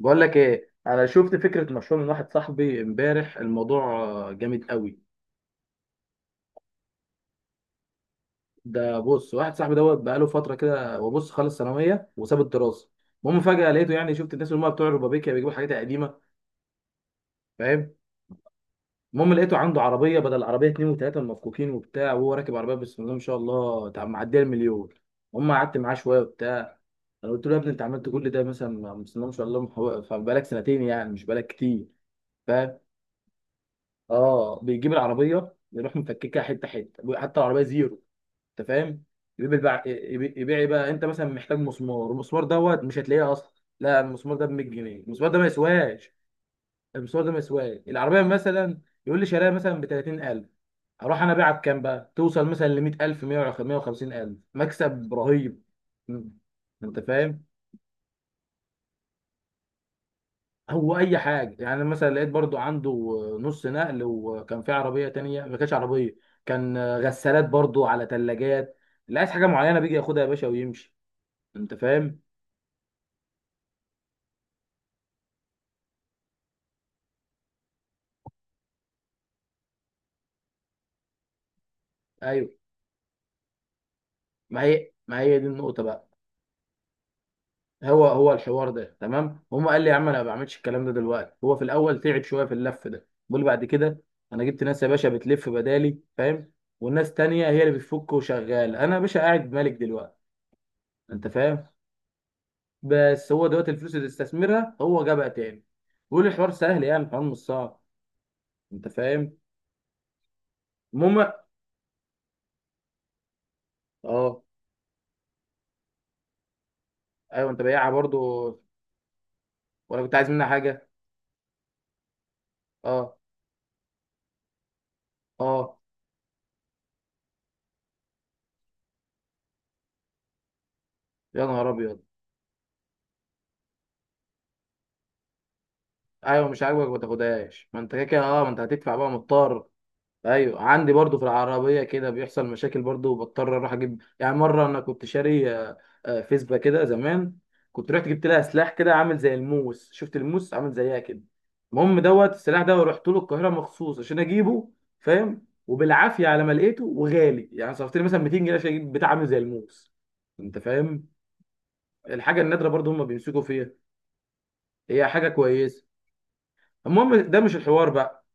بقول لك ايه، انا شفت فكره مشروع من واحد صاحبي امبارح، الموضوع جامد قوي. ده بص، واحد صاحبي دوت بقاله فتره كده، وبص خلص ثانويه وساب الدراسه. المهم فجاه لقيته، يعني شفت الناس اللي هم بتوع الربابيكيا بيجيبوا حاجات قديمه. فاهم. المهم لقيته عنده عربيه، بدل العربيه اتنين وتلاته المفكوكين وبتاع، وهو راكب عربيه بسم الله ما شاء الله، معديه المليون. هم قعدت معاه شويه وبتاع. انا قلت له يا ابني انت عملت كل ده مثلا؟ بسم الله ما شاء الله. فبقالك سنتين، يعني مش بقالك كتير. فاهم؟ اه بيجيب العربيه يروح مفككها حته حته، حتى العربيه زيرو. انت فاهم؟ يبيع بقى. يبيع إيه بقى؟ انت مثلا محتاج مسمار، المسمار دوت مش هتلاقيه اصلا. لا، المسمار ده ب 100 جنيه، المسمار ده ما يسواش. المسمار ده ما يسواش. العربيه مثلا يقول لي شرايها مثلا ب 30,000. اروح انا ابيعها بكام بقى؟ توصل مثلا ل 100,000، 150,000. مكسب رهيب. مم. انت فاهم. هو اي حاجه، يعني مثلا لقيت برضو عنده نص نقل، وكان في عربيه تانية ما كانتش عربيه، كان غسالات، برضو على ثلاجات. لا، عايز حاجه معينه بيجي ياخدها يا باشا ويمشي. انت فاهم. ايوه. ما هي دي النقطه بقى. هو الحوار ده تمام. هم قال لي يا عم انا ما بعملش الكلام ده دلوقتي، هو في الاول تعب شويه في اللف ده، بيقول بعد كده انا جبت ناس يا باشا بتلف بدالي، فاهم، والناس تانية هي اللي بتفك وشغال، انا يا باشا قاعد مالك دلوقتي. انت فاهم. بس هو دلوقتي الفلوس اللي استثمرها هو جابها تاني. بيقول الحوار سهل، يعني الحوار مش صعب. انت فاهم. المهم. اه. ايوه انت بياعها برضو؟ ولا كنت عايز منها حاجه؟ اه. اه. يا نهار ابيض. ايوه، مش عاجبك ما تاخدهاش، ما انت كده كده اه، ما انت هتدفع بقى مضطر. ايوه عندي برضو في العربيه كده بيحصل مشاكل برضو، وبضطر اروح اجيب. يعني مره انا كنت شاري فيسبا كده زمان، كنت رحت جبت لها سلاح كده عامل زي الموس، شفت الموس عامل زيها كده. المهم دوت السلاح ده، ورحت له القاهره مخصوص عشان اجيبه. فاهم. وبالعافيه على ما لقيته، وغالي يعني، صرفت لي مثلا 200 جنيه عشان اجيب بتاع عامل زي الموس. انت فاهم. الحاجه النادره برضو هم بيمسكوا فيها. هي حاجه كويسه. المهم ده مش الحوار بقى.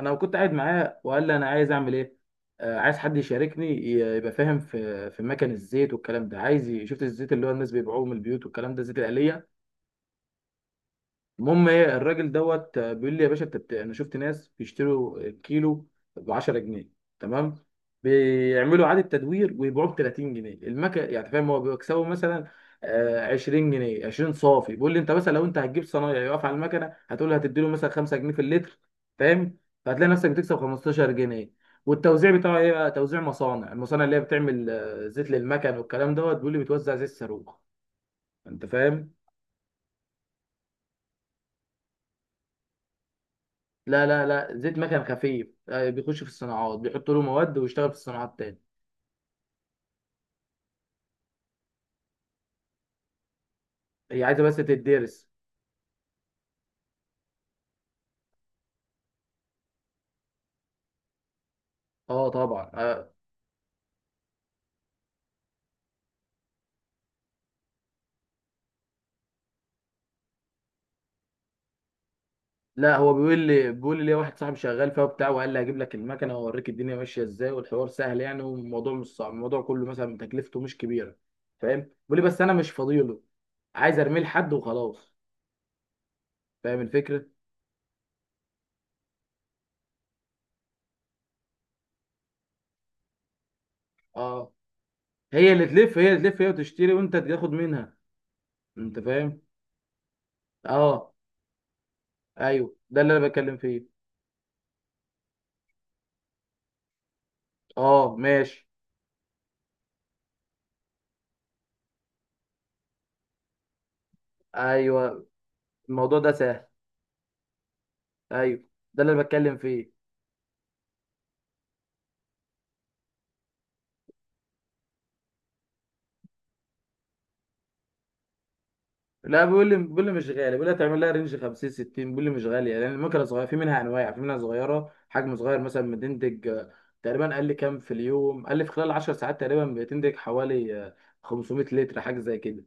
انا كنت قاعد معاه وقال لي انا عايز اعمل ايه. عايز حد يشاركني يبقى فاهم في مكان الزيت والكلام ده. عايز شفت الزيت اللي هو الناس بيبيعوه من البيوت والكلام ده، الزيت الآلية. المهم ايه؟ الراجل دوت بيقول لي يا باشا انت انا شفت ناس بيشتروا كيلو ب 10 جنيه، تمام، بيعملوا اعاده تدوير ويبيعوه ب 30 جنيه المكن، يعني فاهم؟ هو بيكسبوا مثلا 20 جنيه، 20 صافي. بيقول لي انت مثلا لو انت هتجيب صنايعي يقف على المكنه هتقول له، هتدي له مثلا 5 جنيه في اللتر، فاهم، فهتلاقي نفسك بتكسب 15 جنيه. والتوزيع بتاعه ايه بقى؟ توزيع مصانع، المصانع اللي هي بتعمل زيت للمكن والكلام دوت، بيقول لي بتوزع زيت صاروخ. انت فاهم. لا لا لا، زيت مكن خفيف بيخش في الصناعات، بيحطوا له مواد ويشتغل في الصناعات تاني. هي عايزه بس تدرس. اه طبعا. آه. لا هو بيقول لي ليه، واحد صاحبي شغال فيها وبتاع، وقال لي هجيب لك المكنه واوريك الدنيا ماشيه ازاي، والحوار سهل يعني، والموضوع مش صعب، الموضوع كله مثلا تكلفته مش كبيره. فاهم. بيقول لي بس انا مش فاضيله، عايز ارميه لحد وخلاص. فاهم الفكره. اه هي اللي تلف هي وتشتري، وانت تاخد منها. انت فاهم. اه. ايوه، ده اللي انا بتكلم فيه. اه ماشي. ايوه الموضوع ده سهل. ايوه ده اللي بتكلم فيه. لا بيقول لي مش غالي، بيقول لي تعمل لها رينج 50، 60، بيقول لي مش غاليه لان المكنه صغيره، في منها انواع، في منها صغيره حجم صغير مثلا بتنتج تقريبا. قال لي كام في اليوم؟ قال لي في خلال 10 ساعات تقريبا بتنتج حوالي 500 لتر حاجه زي كده.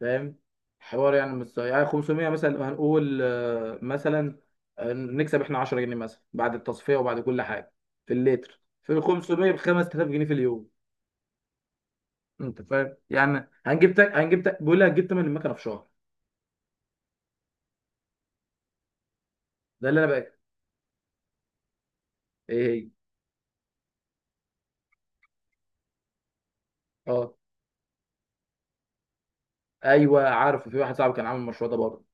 فاهم، حوار يعني، مش يعني 500. مثلا هنقول مثلا نكسب احنا 10 جنيه مثلا بعد التصفيه وبعد كل حاجه في اللتر، في 500 ب 5000 جنيه في اليوم. انت فاهم، يعني هنجيب تك. بيقول لي هتجيب تمن المكنه في شهر. ده اللي انا بقى. ايه هي؟ اه ايوه عارف، في واحد صاحبي كان عامل المشروع ده برضه.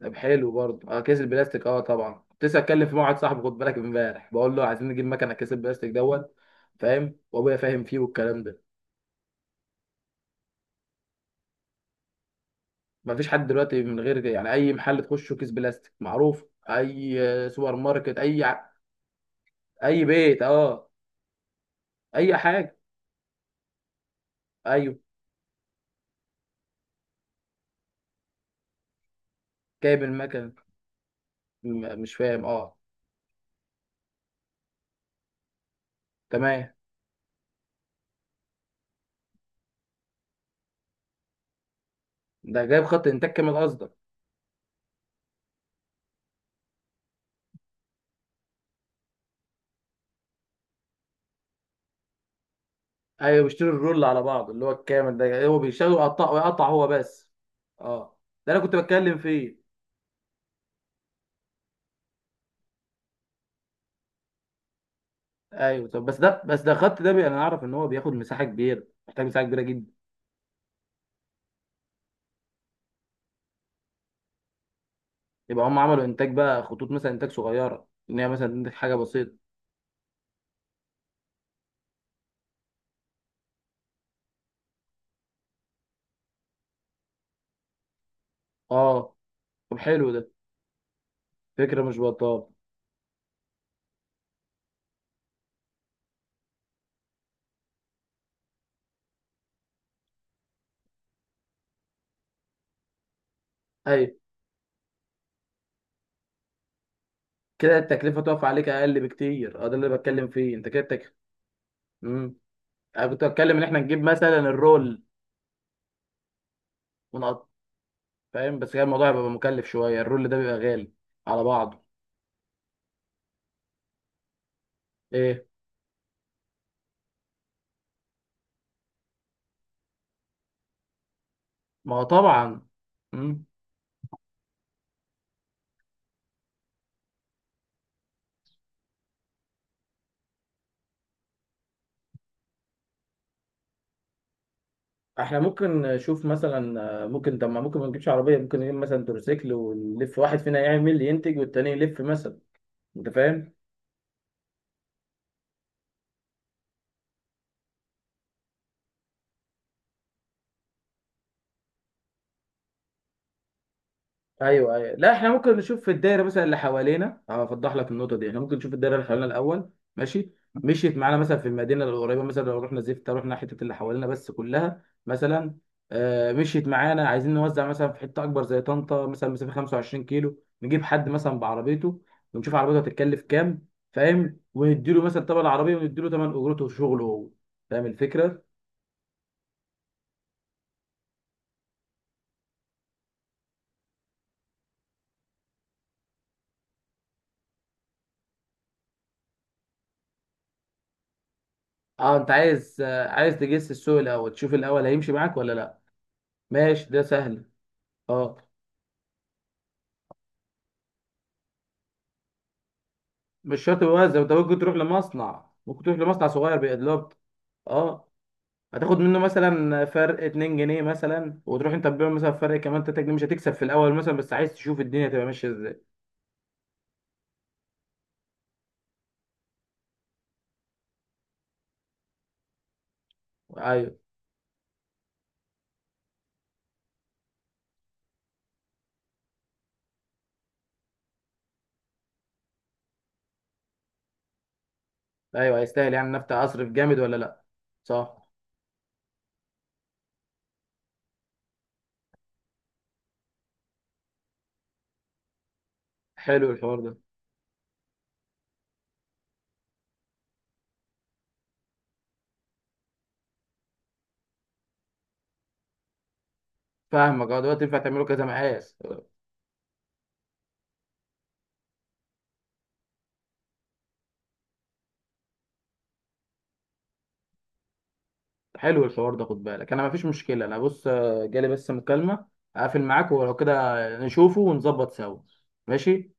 طب حلو برضه، اه كيس البلاستيك، اه طبعا كنت لسه اتكلم مع واحد صاحبي، خد بالك، امبارح بقول له عايزين نجيب مكنه كيس البلاستيك دوت. فاهم، وابويا فاهم فيه والكلام ده. مفيش حد دلوقتي من غير كده. يعني اي محل تخشه كيس بلاستيك معروف. اي سوبر ماركت، اي اي بيت. اه. اي حاجه. ايوه. جايب المكنه. مش فاهم. اه. تمام. ده جايب خط انتاج كامل قصدك؟ ايوه بيشتري الرول على بعض، اللي هو الكامل ده هو بيشتغل ويقطع ويقطع هو بس. اه، ده انا كنت بتكلم فيه. ايوه. طب بس ده الخط ده انا اعرف ان هو بياخد مساحه كبيره، محتاج مساحه كبيره جدا. يبقى هم عملوا انتاج بقى، خطوط مثلا انتاج صغيره، ان هي مثلا تنتج حاجه بسيطه. اه. طب حلو ده، فكره مش بطاله. ايوه كده التكلفه تقف عليك اقل بكتير. اه ده اللي بتكلم فيه. انت كده مم. انا كنت بتكلم ان احنا نجيب مثلا الرول، فاهم، بس كان الموضوع هيبقى مكلف شويه، الرول ده بيبقى غالي على بعضه. ايه؟ ما هو طبعا. مم. احنا ممكن نشوف مثلا، ممكن ما نجيبش عربيه، ممكن نجيب مثلا تروسيكل ونلف، واحد فينا يعمل ينتج والتاني يلف مثلا. انت فاهم. ايوه. لا احنا ممكن نشوف في الدايره مثلا اللي حوالينا. هوضح لك النقطه دي، احنا ممكن نشوف الدايره اللي حوالينا الاول. ماشي، مشيت معانا مثلا في المدينه القريبه مثلا، لو رحنا زفت، رحنا حته اللي حوالينا بس كلها مثلا مشيت معانا، عايزين نوزع مثلا في حته اكبر زي طنطا مثلا، مسافه 25 كيلو، نجيب حد مثلا بعربيته، ونشوف عربيته هتتكلف كام. فاهم، ونديله مثلا تمن العربيه، ونديله تمن اجرته وشغله هو. فاهم الفكره. اه انت عايز عايز تجس السوق الاول، تشوف الاول هيمشي معاك ولا لا. ماشي ده سهل. اه. مش شرط يوزع، انت ممكن تروح لمصنع، ممكن تروح لمصنع صغير بيقلب. اه. هتاخد منه مثلا فرق 2 جنيه مثلا، وتروح انت تبيعه مثلا فرق كمان 3 جنيه، مش هتكسب في الاول مثلا، بس عايز تشوف الدنيا تبقى ماشيه ازاي. ايوه. ايوه هيستاهل يعني، النفط اصرف جامد ولا لا؟ صح. حلو الحوار ده. فاهمك، اه دلوقتي ينفع تعمله كذا مقاس. حلو الحوار ده. خد بالك انا مفيش مشكله، انا بص جالي بس مكالمه، اقفل معاك، ولو كده نشوفه ونظبط سوا. ماشي.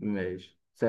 ماشي.